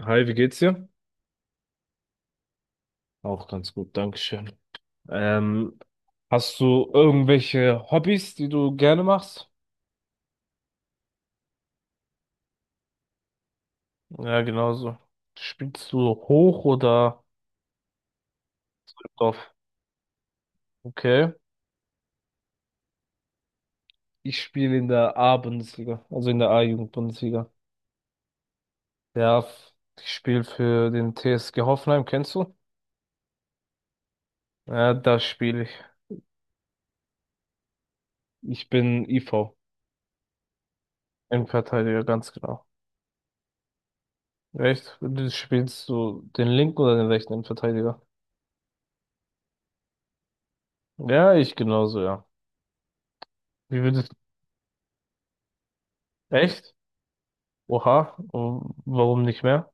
Hi, wie geht's dir? Auch ganz gut, Dankeschön. Ähm, hast du irgendwelche Hobbys, die du gerne machst? Ja, genauso. Spielst du hoch oder drauf? Okay. Ich spiele in der A-Bundesliga, also in der A-Jugend-Bundesliga. Ja, f- ich spiele für den TSG Hoffenheim, kennst du? Ja, da spiele ich. Ich bin IV, Innenverteidiger, ganz genau. Echt? Du spielst du den linken oder den rechten Innenverteidiger? Ja, ich genauso, ja. Wie würdest Echt? Oha, warum nicht mehr?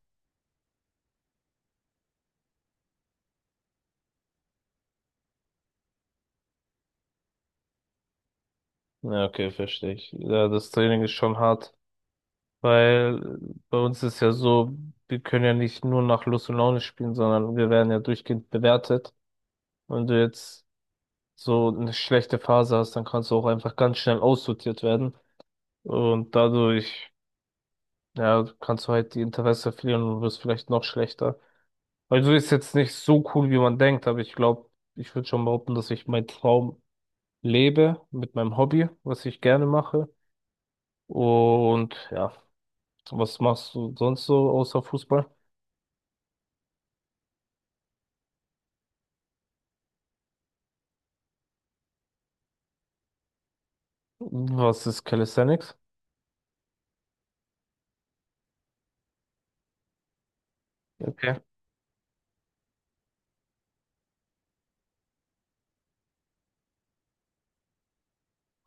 Ja, okay, verstehe ich. Ja, das Training ist schon hart, weil bei uns ist ja so, wir können ja nicht nur nach Lust und Laune spielen, sondern wir werden ja durchgehend bewertet. Wenn du jetzt so eine schlechte Phase hast, dann kannst du auch einfach ganz schnell aussortiert werden und dadurch, ja, kannst du halt die Interesse verlieren und wirst vielleicht noch schlechter. Also ist jetzt nicht so cool, wie man denkt, aber ich glaube, ich würde schon behaupten, dass ich meinen Traum lebe, mit meinem Hobby, was ich gerne mache. Und ja, was machst du sonst so außer Fußball? Was ist Calisthenics? Okay,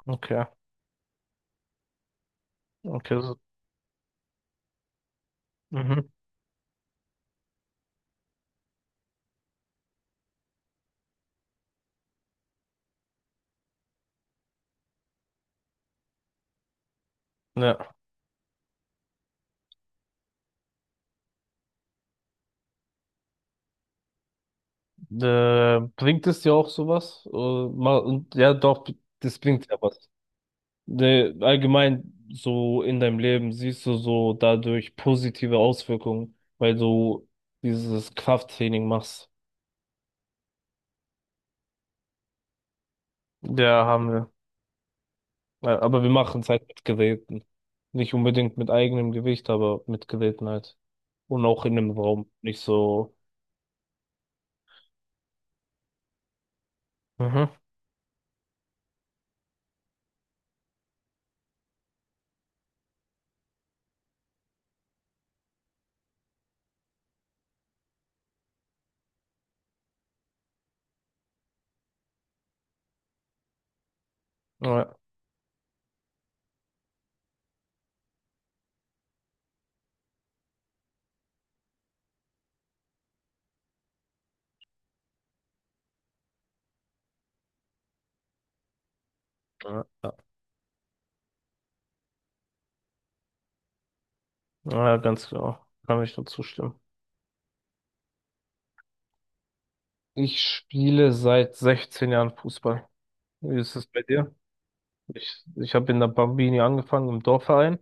okay, okay. So, mhm. Ja, bringt es dir auch sowas? Mal, und, ja, doch, das bringt ja was. Allgemein so in deinem Leben siehst du so dadurch positive Auswirkungen, weil du dieses Krafttraining machst. Ja, haben wir. Ja, aber wir machen es halt mit Geräten. Nicht unbedingt mit eigenem Gewicht, aber mit Geräten halt. Und auch in einem Raum. Nicht so. Mhm. Ja, ja, ja, ja, ganz genau. Kann ich nur zustimmen. Ich spiele seit 16 Jahren Fußball. Wie ist es bei dir? Ich habe in der Bambini angefangen, im Dorfverein.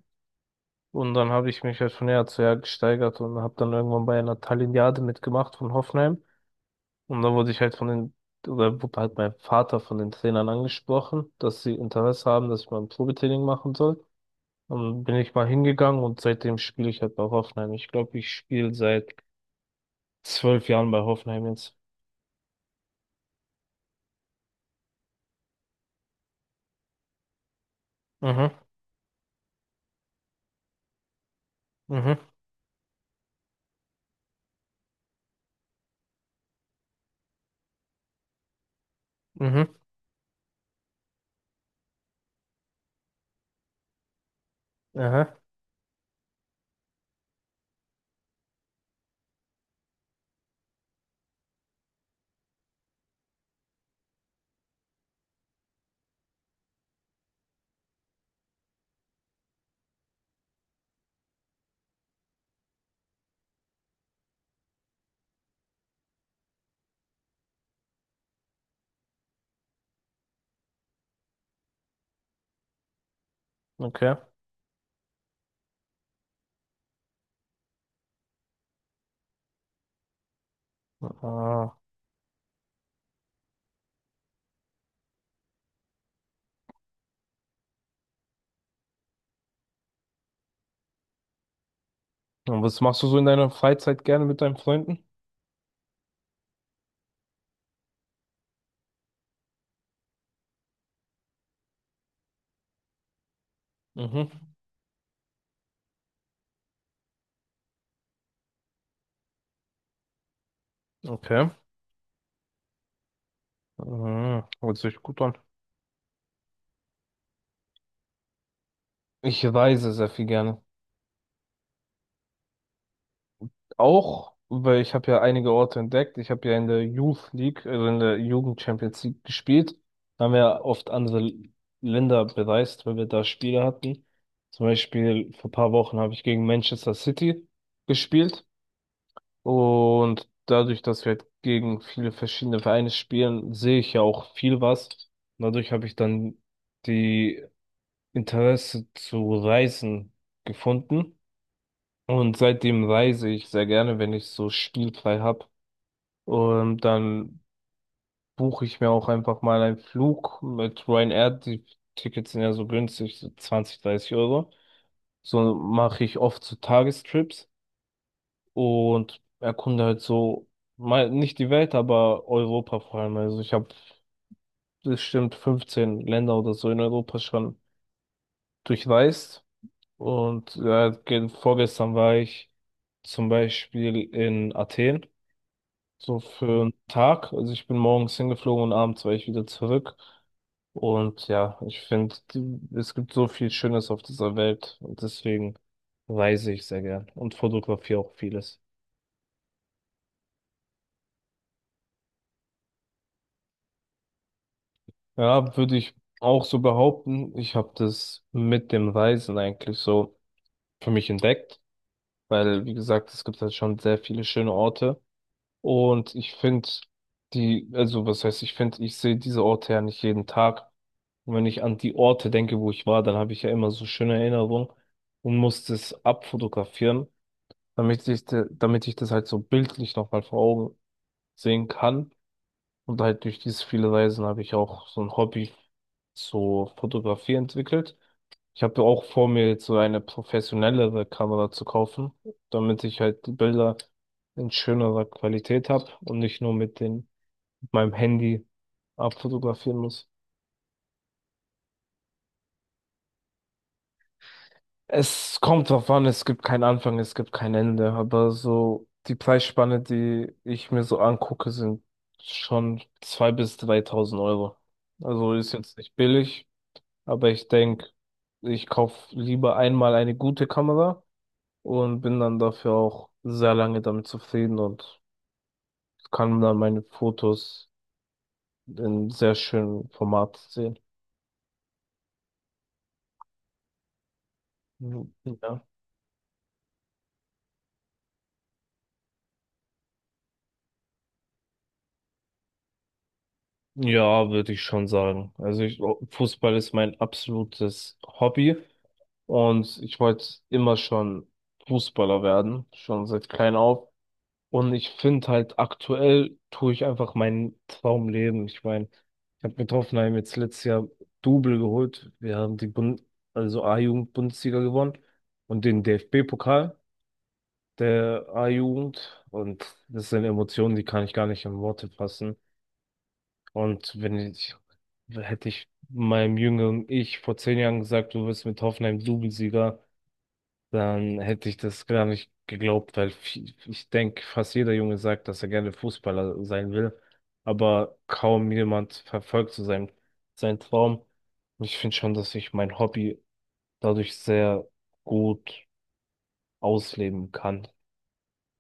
Und dann habe ich mich halt von Jahr zu Jahr gesteigert und habe dann irgendwann bei einer Talignade mitgemacht von Hoffenheim. Und dann wurde ich halt von den, oder wurde halt mein Vater von den Trainern angesprochen, dass sie Interesse haben, dass ich mal ein Probetraining machen soll. Und dann bin ich mal hingegangen und seitdem spiele ich halt bei Hoffenheim. Ich glaube, ich spiele seit 12 Jahren bei Hoffenheim jetzt. Mhm, mhm, mhm, aha, okay. Ah. Und was machst du so in deiner Freizeit gerne mit deinen Freunden? Mhm, okay. Mhm, hört sich gut an. Ich reise sehr viel gerne. Auch, weil ich habe ja einige Orte entdeckt. Ich habe ja in der Youth League, also in der Jugend Champions League gespielt. Da haben wir ja oft andere Länder bereist, weil wir da Spiele hatten. Zum Beispiel vor ein paar Wochen habe ich gegen Manchester City gespielt. Und dadurch, dass wir halt gegen viele verschiedene Vereine spielen, sehe ich ja auch viel was. Und dadurch habe ich dann die Interesse zu Reisen gefunden. Und seitdem reise ich sehr gerne, wenn ich so spielfrei habe. Und dann buche ich mir auch einfach mal einen Flug mit Ryanair. Die Tickets sind ja so günstig, so 20, 30 Euro. So mache ich oft so Tagestrips und erkunde halt so, mal nicht die Welt, aber Europa vor allem. Also ich habe bestimmt 15 Länder oder so in Europa schon durchreist. Und ja, vorgestern war ich zum Beispiel in Athen. So für einen Tag. Also ich bin morgens hingeflogen und abends war ich wieder zurück. Und ja, ich finde, es gibt so viel Schönes auf dieser Welt. Und deswegen reise ich sehr gern und fotografiere auch vieles. Ja, würde ich auch so behaupten. Ich habe das mit dem Reisen eigentlich so für mich entdeckt. Weil, wie gesagt, es gibt halt schon sehr viele schöne Orte. Und ich finde die, also was heißt, ich finde, ich sehe diese Orte ja nicht jeden Tag. Und wenn ich an die Orte denke, wo ich war, dann habe ich ja immer so schöne Erinnerungen und muss das abfotografieren, damit ich, damit ich das halt so bildlich nochmal vor Augen sehen kann. Und halt durch dieses viele Reisen habe ich auch so ein Hobby so Fotografie entwickelt. Ich habe ja auch vor mir jetzt so eine professionellere Kamera zu kaufen, damit ich halt die Bilder in schönerer Qualität habe und nicht nur mit dem, mit meinem Handy abfotografieren muss. Es kommt drauf an, es gibt keinen Anfang, es gibt kein Ende, aber so die Preisspanne, die ich mir so angucke, sind schon 2.000 bis 3.000 Euro. Also ist jetzt nicht billig, aber ich denke, ich kaufe lieber einmal eine gute Kamera und bin dann dafür auch sehr lange damit zufrieden und kann dann meine Fotos in sehr schönem Format sehen. Mhm. Ja. Ja, würde ich schon sagen. Also ich, Fußball ist mein absolutes Hobby. Und ich wollte immer schon Fußballer werden, schon seit klein auf. Und ich finde halt, aktuell tue ich einfach meinen Traum leben. Ich meine, ich habe mit Hoffenheim jetzt letztes Jahr Double geholt. Wir haben die Bund also A-Jugend-Bundesliga gewonnen und den DFB-Pokal der A-Jugend. Und das sind Emotionen, die kann ich gar nicht in Worte fassen. Und wenn ich, hätte ich meinem jüngeren Ich vor 10 Jahren gesagt, du wirst mit Hoffenheim Double-Sieger, dann hätte ich das gar nicht geglaubt, weil ich denke, fast jeder Junge sagt, dass er gerne Fußballer sein will, aber kaum jemand verfolgt so seinen, seinen Traum. Und ich finde schon, dass ich mein Hobby dadurch sehr gut ausleben kann.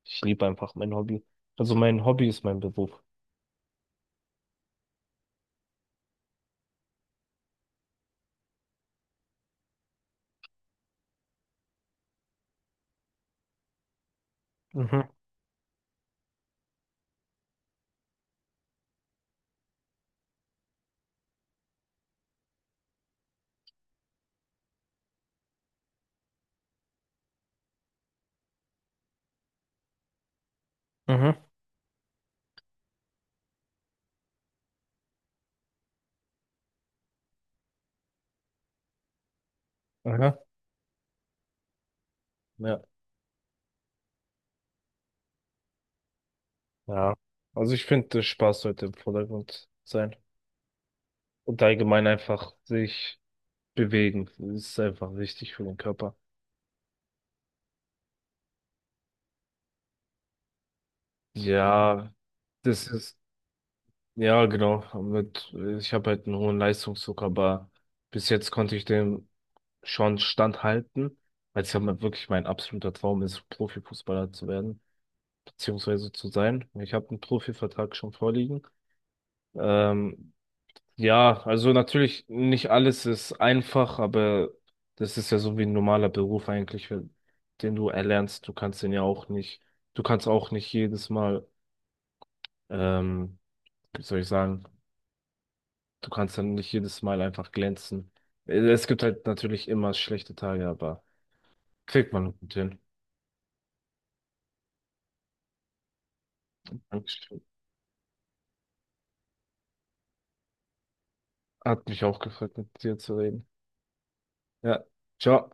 Ich liebe einfach mein Hobby. Also mein Hobby ist mein Beruf. Mhm, mhm. Aha. Ja. Ja. Also ich finde, der Spaß sollte im Vordergrund sein. Und allgemein einfach sich bewegen. Das ist einfach wichtig für den Körper. Ja, das ist, ja, genau. Mit, ich habe halt einen hohen Leistungsdruck, aber bis jetzt konnte ich dem schon standhalten, weil es ja mal wirklich mein absoluter Traum ist, Profifußballer zu werden, beziehungsweise zu sein. Ich habe einen Profivertrag schon vorliegen. Ähm, ja, also natürlich nicht alles ist einfach, aber das ist ja so wie ein normaler Beruf eigentlich, den du erlernst. Du kannst den ja auch nicht, du kannst auch nicht jedes Mal. Ähm, wie soll ich sagen, du kannst dann nicht jedes Mal einfach glänzen. Es gibt halt natürlich immer schlechte Tage, aber kriegt man gut hin. Dankeschön. Hat mich auch gefreut, mit dir zu reden. Ja, ciao.